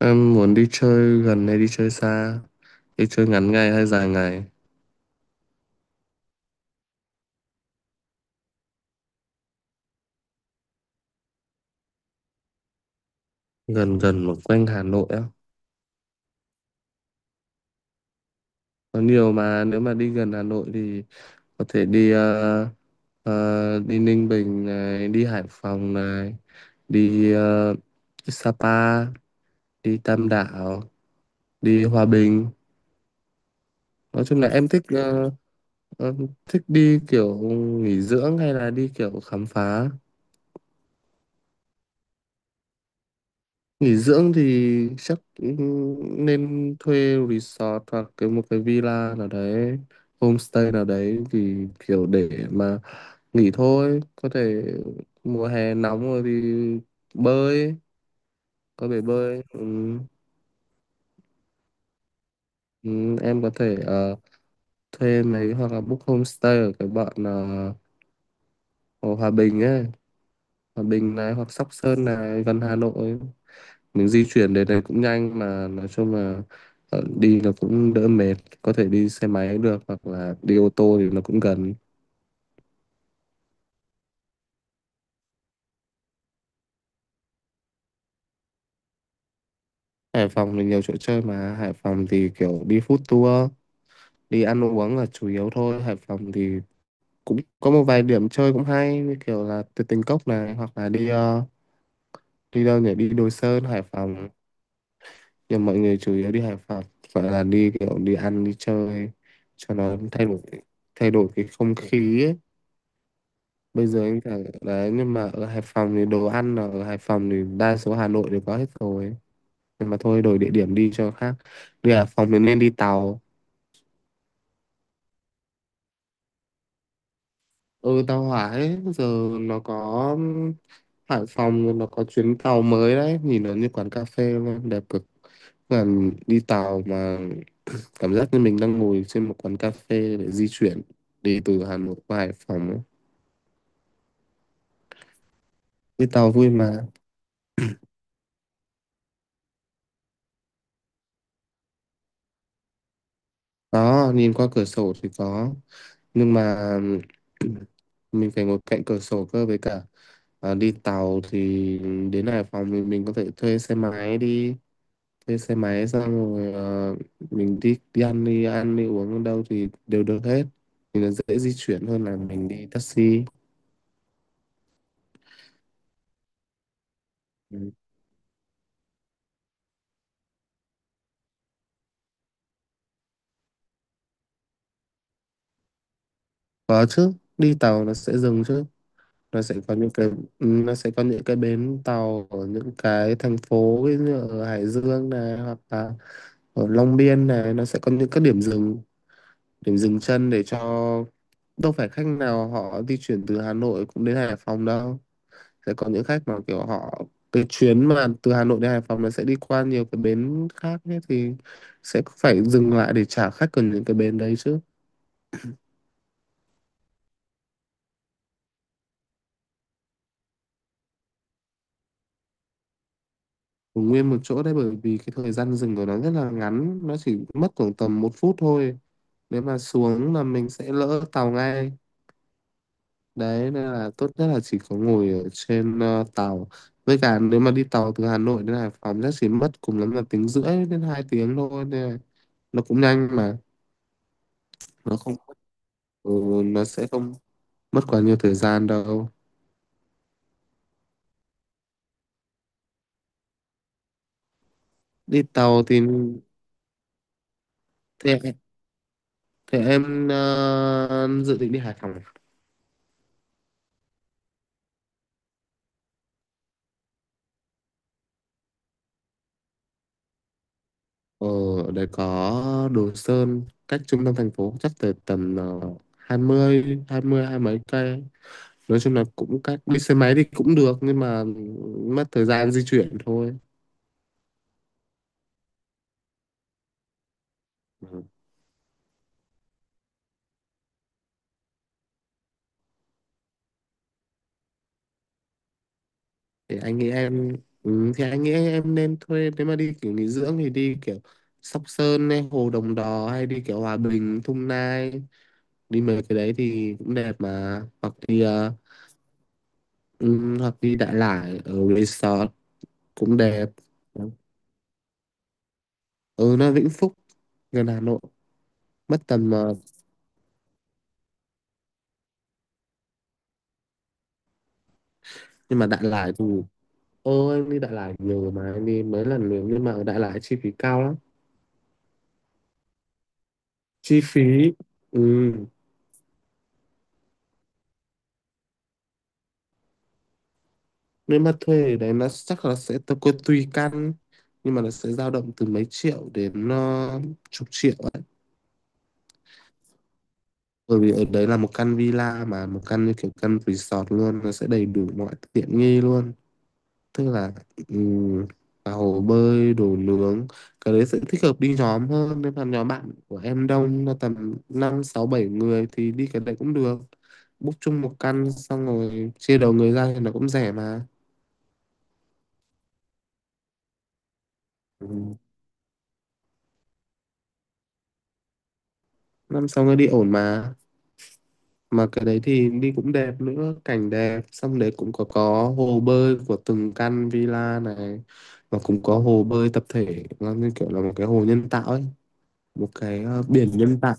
Em muốn đi chơi gần hay đi chơi xa? Đi chơi ngắn ngày hay dài ngày? Gần gần mà quanh Hà Nội á. Có nhiều mà, nếu mà đi gần Hà Nội thì có thể đi Ninh Bình này, đi Hải Phòng này, đi Sapa, đi Tam Đảo, đi Hòa Bình. Nói chung là em ờ, thích đi kiểu nghỉ dưỡng hay là đi kiểu khám phá? Nghỉ dưỡng thì chắc cũng nên thuê resort hoặc một cái villa nào đấy, homestay nào đấy, thì kiểu để mà nghỉ thôi. Có thể mùa hè nóng rồi thì bơi, có bể bơi. Ừ, ừ, em có thể thuê mấy, hoặc là book homestay ở cái bọn ở Hòa Bình ấy, Hòa Bình này hoặc Sóc Sơn này, gần Hà Nội. Mình di chuyển đến đấy cũng nhanh, mà nói chung là đi nó cũng đỡ mệt, có thể đi xe máy được hoặc là đi ô tô thì nó cũng gần. Hải Phòng thì nhiều chỗ chơi, mà Hải Phòng thì kiểu đi food tour, đi ăn uống là chủ yếu thôi. Hải Phòng thì cũng có một vài điểm chơi cũng hay, như kiểu là Tuyệt Tình Cốc này, hoặc là đi đâu nhỉ, đi Đồi Sơn Hải Phòng. Nhưng mọi người chủ yếu đi Hải Phòng phải là đi kiểu đi ăn đi chơi, cho nó thay đổi, thay đổi cái không khí ấy. Bây giờ anh thẳng đấy, nhưng mà ở Hải Phòng thì đồ ăn, là ở Hải Phòng thì đa số Hà Nội đều có hết rồi, nhưng mà thôi, đổi địa điểm đi cho khác. Đi Hải Phòng thì nên đi tàu, ừ, tàu hỏa ấy. Giờ nó có Hải Phòng rồi, nó có chuyến tàu mới đấy, nhìn nó như quán cà phê luôn, đẹp cực. Còn đi tàu mà cảm giác như mình đang ngồi trên một quán cà phê để di chuyển, đi từ Hà Nội qua Hải Phòng ấy. Đi tàu vui mà. Đó, nhìn qua cửa sổ thì có, nhưng mà mình phải ngồi cạnh cửa sổ cơ. Với cả, à, đi tàu thì đến Hải Phòng thì mình có thể thuê xe máy đi, thuê xe máy xong rồi mình đi đi ăn đi ăn đi uống ở đâu thì đều được hết, thì nó dễ di chuyển hơn là mình đi taxi. Ừ. Có chứ, đi tàu nó sẽ dừng chứ. nó sẽ có những cái nó sẽ có những cái bến tàu ở những cái thành phố, ví dụ như ở Hải Dương này, hoặc là ở Long Biên này, nó sẽ có những cái điểm dừng chân, để cho, đâu phải khách nào họ di chuyển từ Hà Nội cũng đến Hải Phòng đâu, sẽ có những khách mà kiểu họ, cái chuyến mà từ Hà Nội đến Hải Phòng nó sẽ đi qua nhiều cái bến khác ấy, thì sẽ phải dừng lại để trả khách ở những cái bến đấy chứ. Ở nguyên một chỗ đấy, bởi vì cái thời gian dừng của nó rất là ngắn, nó chỉ mất khoảng tầm 1 phút thôi, nếu mà xuống là mình sẽ lỡ tàu ngay. Đấy, nên là tốt nhất là chỉ có ngồi ở trên tàu. Với cả, nếu mà đi tàu từ Hà Nội đến Hải Phòng chắc chỉ mất cùng lắm là tiếng rưỡi đến 2 tiếng thôi, nên là nó cũng nhanh mà. nó không ừ, nó sẽ không mất quá nhiều thời gian đâu, đi tàu thì. Thế, thế em, dự định đi Hải Phòng à? Ờ, Ở đấy có Đồ Sơn, cách trung tâm thành phố chắc tới tầm hai mấy cây, nói chung là cũng các đi xe máy thì cũng được, nhưng mà mất thời gian di chuyển thôi. Ừ. thì anh nghĩ em thì anh nghĩ em nên thuê, nếu mà đi kiểu nghỉ dưỡng thì đi kiểu Sóc Sơn hay Hồ Đồng Đò, hay đi kiểu Hòa Bình Thung Nai, đi mấy cái đấy thì cũng đẹp mà, hoặc đi Đại Lải ở resort cũng đẹp. Ừ, nó Vĩnh Phúc, gần Hà Nội. mất tầm ờ, nhưng mà Đại Lải thì, ô, em đi Đại Lải nhiều mà, em đi mấy lần liền, nhưng mà ở Đại Lải chi phí cao lắm, chi phí. Ừ. Nếu mà thuê ở đấy nó chắc là sẽ tùy tùy căn, nhưng mà nó sẽ dao động từ mấy triệu đến chục triệu ấy, bởi vì ở đấy là một căn villa, mà một căn như kiểu căn resort luôn, nó sẽ đầy đủ mọi tiện nghi luôn, tức là ừ, cả hồ bơi, đồ nướng. Cái đấy sẽ thích hợp đi nhóm hơn, nếu mà nhóm bạn của em đông là tầm năm sáu bảy người thì đi cái đấy cũng được, book chung một căn xong rồi chia đầu người ra thì nó cũng rẻ mà. Ừ. Năm sau nó đi ổn mà cái đấy thì đi cũng đẹp nữa, cảnh đẹp, xong đấy cũng có hồ bơi của từng căn villa này, và cũng có hồ bơi tập thể, nó như kiểu là một cái hồ nhân tạo ấy, một cái biển nhân tạo.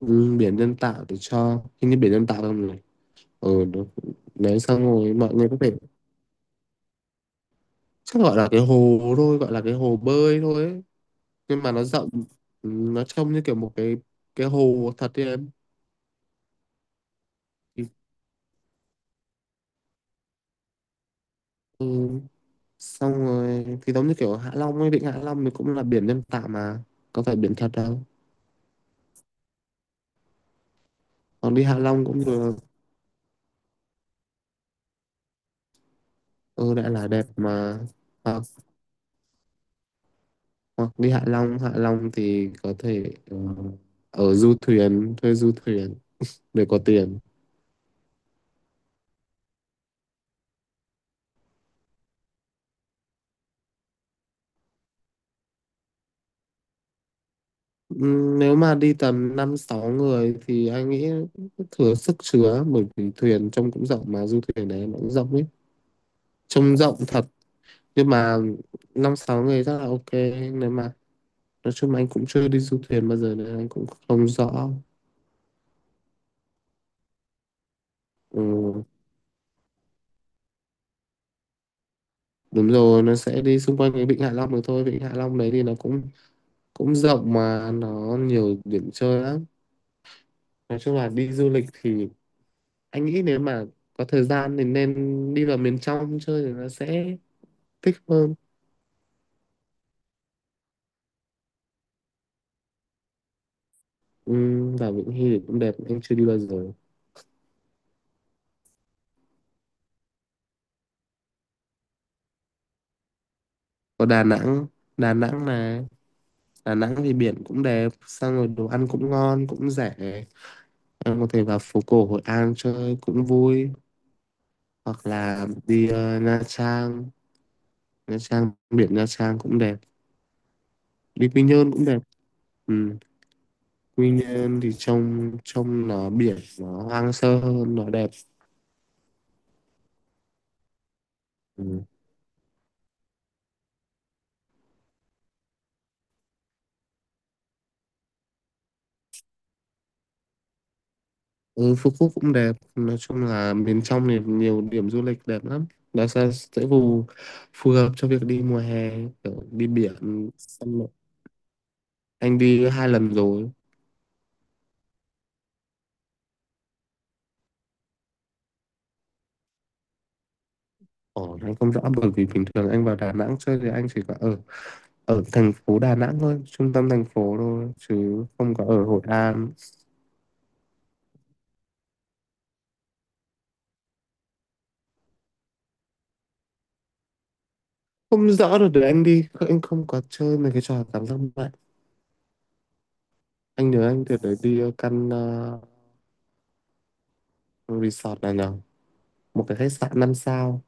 Ừ, biển nhân tạo để cho, hình như biển nhân tạo không này. Ừ, đúng. Đấy, xong rồi mọi người có thể, chắc gọi là cái hồ thôi, gọi là cái hồ bơi thôi ấy. Nhưng mà nó rộng, nó trông như kiểu một cái hồ thật đấy em. Ừ, xong rồi thì giống như kiểu Hạ Long ấy, vịnh Hạ Long thì cũng là biển nhân tạo mà, có phải biển thật đâu. Còn đi Hạ Long cũng được. Ừ, đã là đẹp mà, hoặc, hoặc đi Hạ Long. Hạ Long thì có thể ở du thuyền, thuê du thuyền để có tiền. Nếu mà đi tầm năm sáu người thì anh nghĩ thừa sức chứa, bởi vì thuyền trông cũng rộng mà, du thuyền đấy nó cũng rộng ấy, trông rộng thật. Nhưng mà năm sáu người rất là ok, nếu mà, nói chung là anh cũng chưa đi du thuyền bao giờ nên anh cũng không rõ. Ừ, đúng rồi, nó sẽ đi xung quanh cái vịnh Hạ Long được thôi. Vịnh Hạ Long đấy thì nó cũng cũng rộng mà, nó nhiều điểm chơi lắm. Nói chung là đi du lịch thì anh nghĩ, nếu mà có thời gian thì nên đi vào miền trong chơi, thì nó sẽ thích hơn. Ừ, và Vịnh Hy thì cũng đẹp, anh chưa đi bao giờ. Có Đà Nẵng, Đà Nẵng này. Đà Nẵng thì biển cũng đẹp, xong rồi đồ ăn cũng ngon cũng rẻ, em có thể vào phố cổ Hội An chơi cũng vui, hoặc là Nha Trang. Nha Trang biển, Nha Trang cũng đẹp, đi Quy Nhơn cũng đẹp. Ừ. Quy Nhơn thì trông trông nó biển, nó hoang sơ hơn, nó đẹp. Ừ. Ừ, Phú Quốc cũng đẹp. Nói chung là miền trong thì nhiều điểm du lịch đẹp lắm, nó sẽ phù phù hợp cho việc đi mùa hè, kiểu đi biển xong rồi- Anh đi 2 lần rồi. Ồ, anh không rõ, bởi vì bình thường anh vào Đà Nẵng chơi thì anh chỉ có ở ở thành phố Đà Nẵng thôi, trung tâm thành phố thôi chứ không có ở Hội An. Không rõ được, để anh đi, anh không có chơi mấy cái trò cảm giác mạnh. Anh nhớ anh từ đấy đi resort này nhở, một cái khách sạn 5 sao.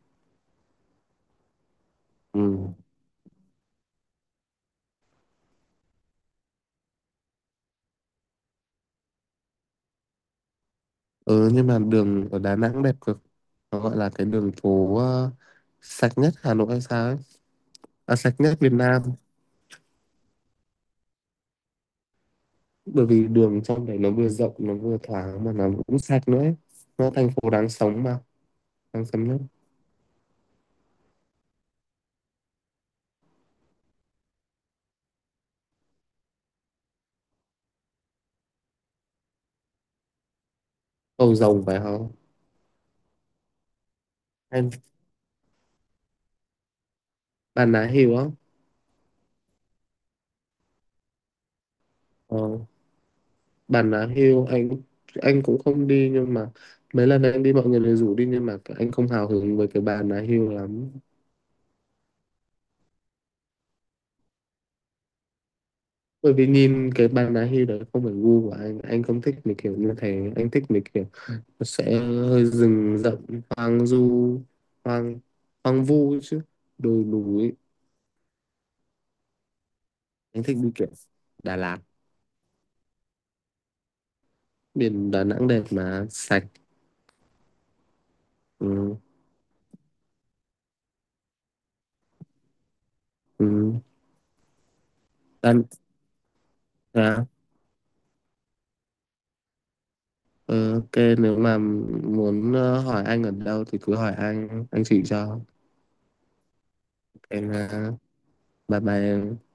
Ừ. Ừ, nhưng mà đường ở Đà Nẵng đẹp cực, nó gọi là cái đường phố sạch nhất Hà Nội hay sao ấy, à, sạch nhất Việt Nam. Bởi vì đường trong đấy nó vừa rộng, nó vừa thoáng, mà nó cũng sạch nữa ấy. Nó thành phố đáng sống mà, đáng sống nhất. Cầu rồng phải không, hay Bà Nà Hills á? ờ, Bà Nà Hills anh cũng không đi, nhưng mà mấy lần anh đi mọi người đều rủ đi, nhưng mà anh không hào hứng với cái Bà Nà Hills lắm, bởi vì nhìn cái Bà Nà Hills đấy không phải gu của anh không thích mấy kiểu như thế. Anh thích mấy kiểu nó sẽ hơi rừng rậm, hoang du, hoang hoang vu ấy chứ, đồi núi. Anh thích đi kiểu Đà Lạt. Biển Đà Nẵng đẹp mà sạch. Ừ. Ừ. Đà, Ờ, ok. Nếu mà muốn hỏi anh ở đâu thì cứ hỏi anh chỉ cho em ha. Bye bye em.